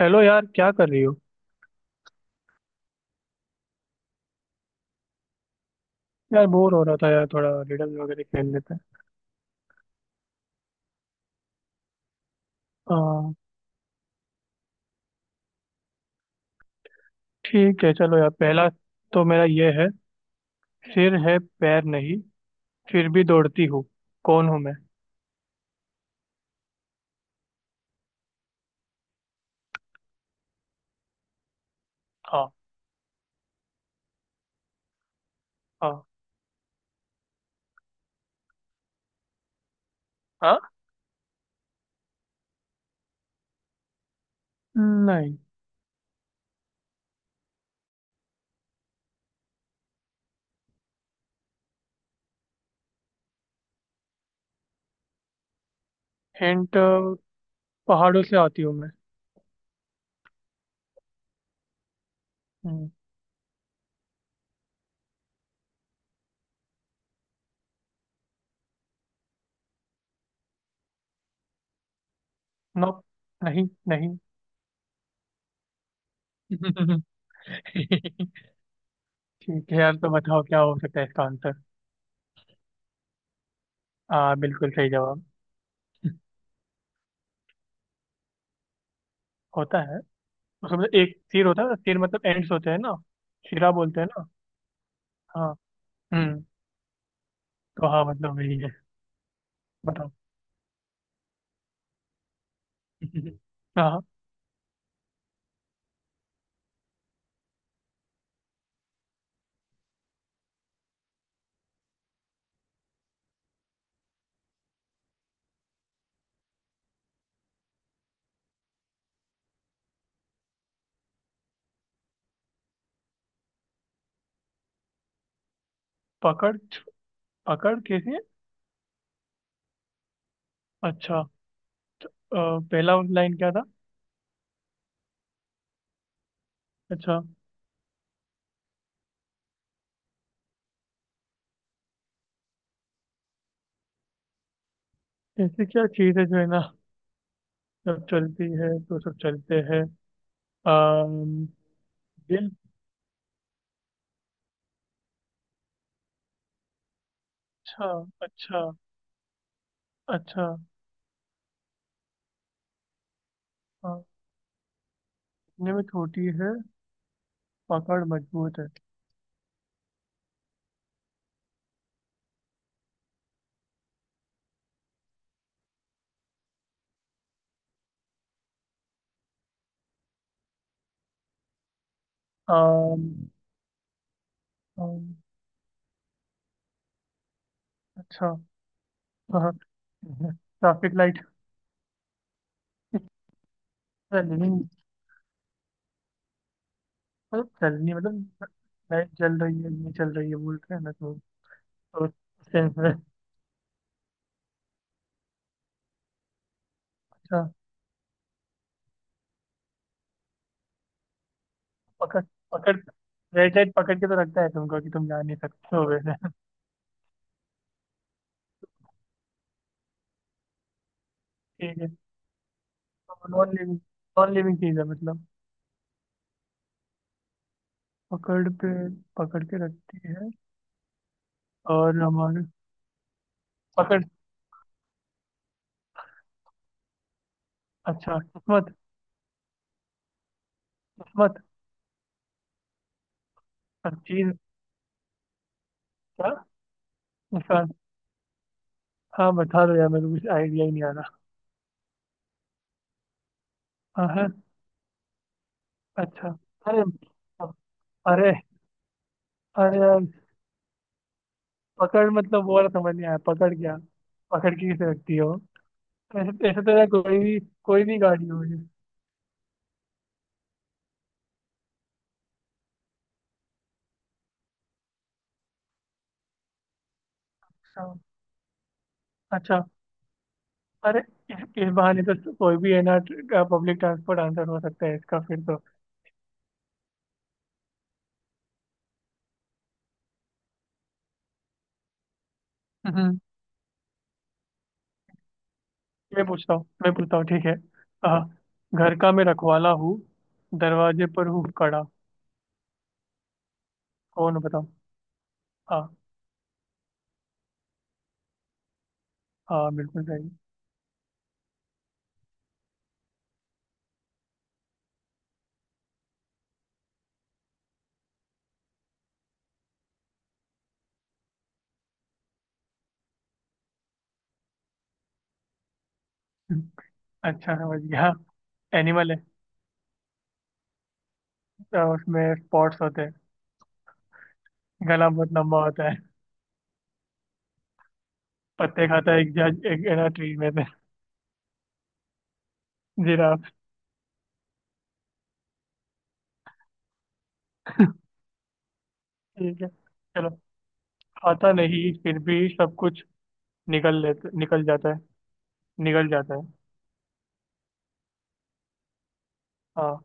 Hello यार, क्या कर रही हो? यार बोर हो रहा था, यार थोड़ा रिडल वगैरह खेल लेते हैं। हाँ, ठीक है। चलो यार, पहला। तो मेरा ये है। सिर है, पैर नहीं, फिर भी दौड़ती हूँ। कौन हूँ मैं? हाँ। हाँ। हाँ। नहीं। हिंट। पहाड़ों से आती हूँ मैं। हम्म, नो। नहीं, नहीं। ठीक है यार, तो बताओ क्या हो सकता है इसका आंसर? हाँ, बिल्कुल सही जवाब। होता है, उसमें एक सिर होता है। सिर मतलब एंड्स होते हैं ना। सिरा बोलते हैं ना। हाँ। हम्म, तो हाँ, मतलब वही है। बताओ। हाँ। पकड़? पकड़ कैसे? अच्छा। तो, पहला लाइन क्या था? अच्छा। ऐसी क्या चीज है जो है ना, जब चलती है तो सब चलते हैं? अम, दिल? अच्छा। अच्छा। अच्छा। हाँ, दिखने में छोटी है, पकड़ मजबूत है। अम, अम, अच्छा। हाँ। Traffic light? लिविंग? मतलब चलनी मतलब। लाइट जल रही है, नहीं चल रही है, बोल रहे हैं ना तो। तो। अच्छा। पकड़। पकड़। रेड लाइट पकड़ के तो रखता है तुमको कि तुम जा नहीं सकते हो वैसे। ठीक है। Non living. नॉन लिविंग चीज है मतलब। पकड़ पे, पकड़ के रखती है। और हमारे। पकड़। अच्छा, किस्मत? किस्मत। अब चीज क्या? निशान? हाँ, बता दो यार, मेरे को कुछ आइडिया ही नहीं आ रहा। हाँ, हाँ। अच्छा। अरे। अरे। अरे यार। पकड़ मतलब, वो वाला समझ नहीं आया। पकड़ क्या? पकड़ के किसे रखती है वो? ऐसे ऐसे तो यार, कोई भी गाड़ी होगी। हाँ, अच्छा। अरे। इस बहाने तो कोई भी है ना। पब्लिक ट्रांसपोर्ट आंसर हो सकता है इसका फिर तो। हम्म। मैं पूछता हूँ, मैं पूछता हूँ, ठीक है? हाँ। घर का मैं रखवाला हूँ, दरवाजे पर हूँ कड़ा। कौन हो बताओ? हाँ। हाँ, बिल्कुल सही। हम्म, अच्छा, समझ गया। एनिमल है? तो उसमें स्पॉट्स होते हैं? गला बहुत लंबा होता है? पत्ते खाता है, एक जज, एक है ना ट्री में से? जिराफ। ठीक है, चलो। खाता नहीं फिर भी सब कुछ निकल जाता है, निकल जाता है। हाँ।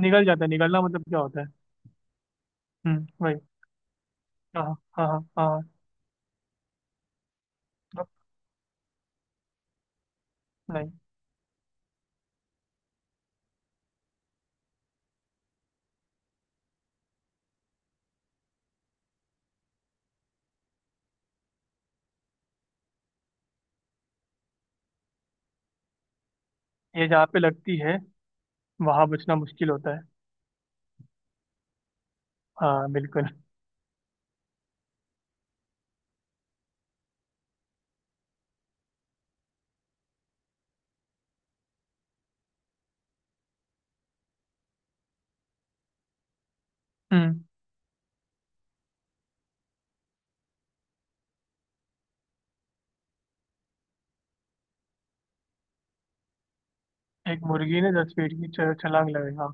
निकल जाता है। निकलना मतलब क्या होता है? हम्म, वही। हाँ, हाँ, हाँ, हाँ, हाँ, हाँ, नहीं। ये जहाँ पे लगती है, वहां बचना मुश्किल होता है। हाँ, बिल्कुल। हम्म। एक मुर्गी ने 10 फीट की छलांग लगाई, हाँ।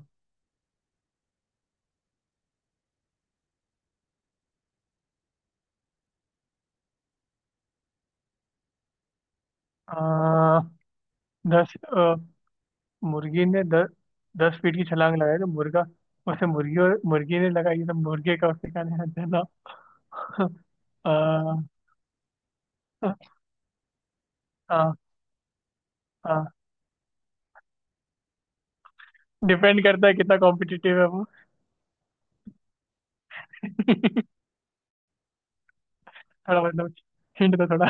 आ, 10, मुर्गी ने दस दस फीट की छलांग लगाई तो मुर्गा। उसे मुर्गी, और मुर्गी ने लगाई तो मुर्गे का उससे क्या लेना देना? हाँ, हाँ। डिपेंड करता है कितना कॉम्पिटिटिव है वो। थोड़ा मतलब, हिंट तो थोड़ा।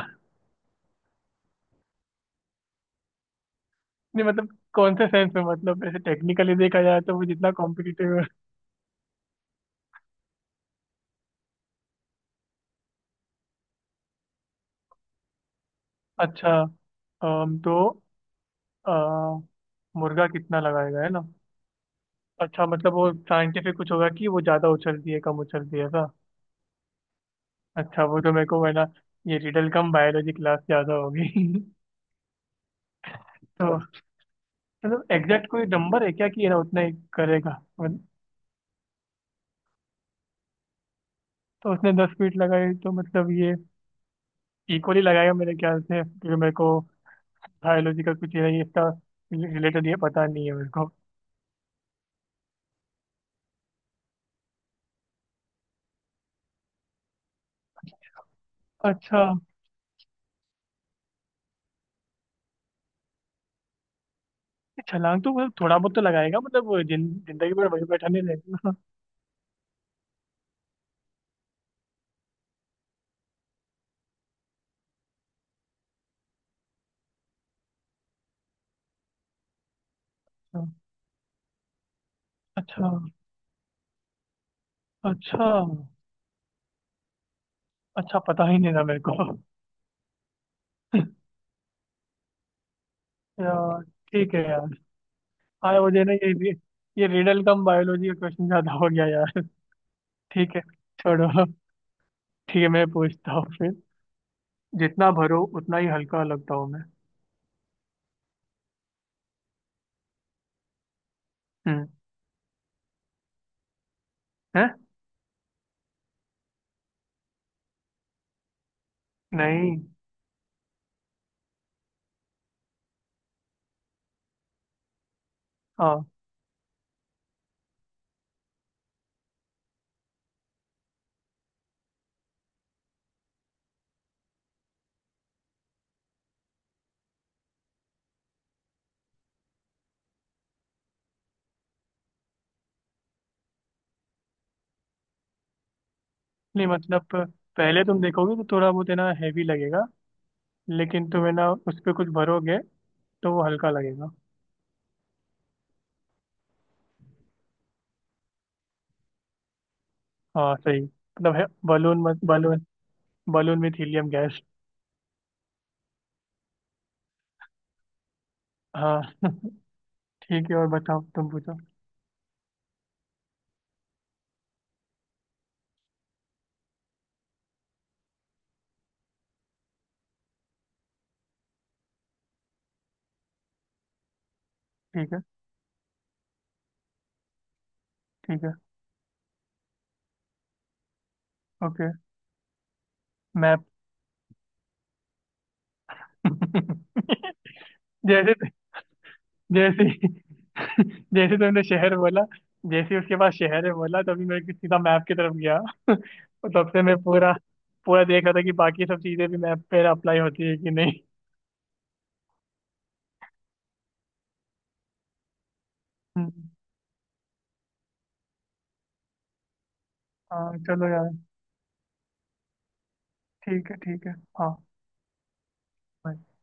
नहीं मतलब कौन से सेंस में, मतलब ऐसे टेक्निकली देखा जाए तो वो जितना कॉम्पिटिटिव है। अच्छा। तो, अ, मुर्गा कितना लगाएगा है ना? अच्छा, मतलब वो साइंटिफिक कुछ होगा कि वो ज़्यादा उछलती है, कम उछलती है, ऐसा? अच्छा, वो तो मेरे को है ना। ये रिडल कम, बायोलॉजी क्लास ज़्यादा होगी। तो, मतलब एग्जैक्ट कोई नंबर है क्या कि ये ना उतना ही करेगा? मतलब, तो उसने 10 फीट लगाई तो मतलब ये। इक्वली लगाएगा मेरे ख्याल से, क्योंकि मेरे को। बायोलॉजी का कुछ ये नहीं इसका। रिलेटेड, ये पता नहीं है मेरे। अच्छा। ये छलांग तो मतलब थोड़ा बहुत तो लगाएगा, मतलब जिन जिंदगी भर वही बैठा नहीं रहेगा। ना। अच्छा। अच्छा। अच्छा, पता ही नहीं था मेरे को। यार, ठीक है यार। हाँ, मुझे ना ये भी। ये रिडल कम, बायोलॉजी का क्वेश्चन ज्यादा हो गया यार। ठीक है, छोड़ो। ठीक है, मैं पूछता हूँ फिर। जितना भरो उतना ही हल्का लगता हूँ मैं। हम्म। है। नहीं। हाँ। नहीं मतलब, पहले तुम देखोगे तो थोड़ा बहुत है ना, हैवी लगेगा। लेकिन तुम है ना उस पर कुछ भरोगे, तो वो हल्का लगेगा। हाँ, सही मतलब है, बलून, मत balloon. Balloon with helium gas. हाँ। ठीक है, और बताओ, तुम पूछो। ठीक है। ठीक है। ओके। मैप। जैसे जैसे जैसे तुमने शहर बोला, जैसे ही उसके पास शहर है बोला, तभी मैं सीधा मैप की तरफ गया। और तब से मैं पूरा, पूरा देख रहा था कि बाकी सब चीजें भी मैप पे अप्लाई होती है कि नहीं। हम्म, हाँ, चलो यार। ठीक है। ठीक है। हाँ, bye.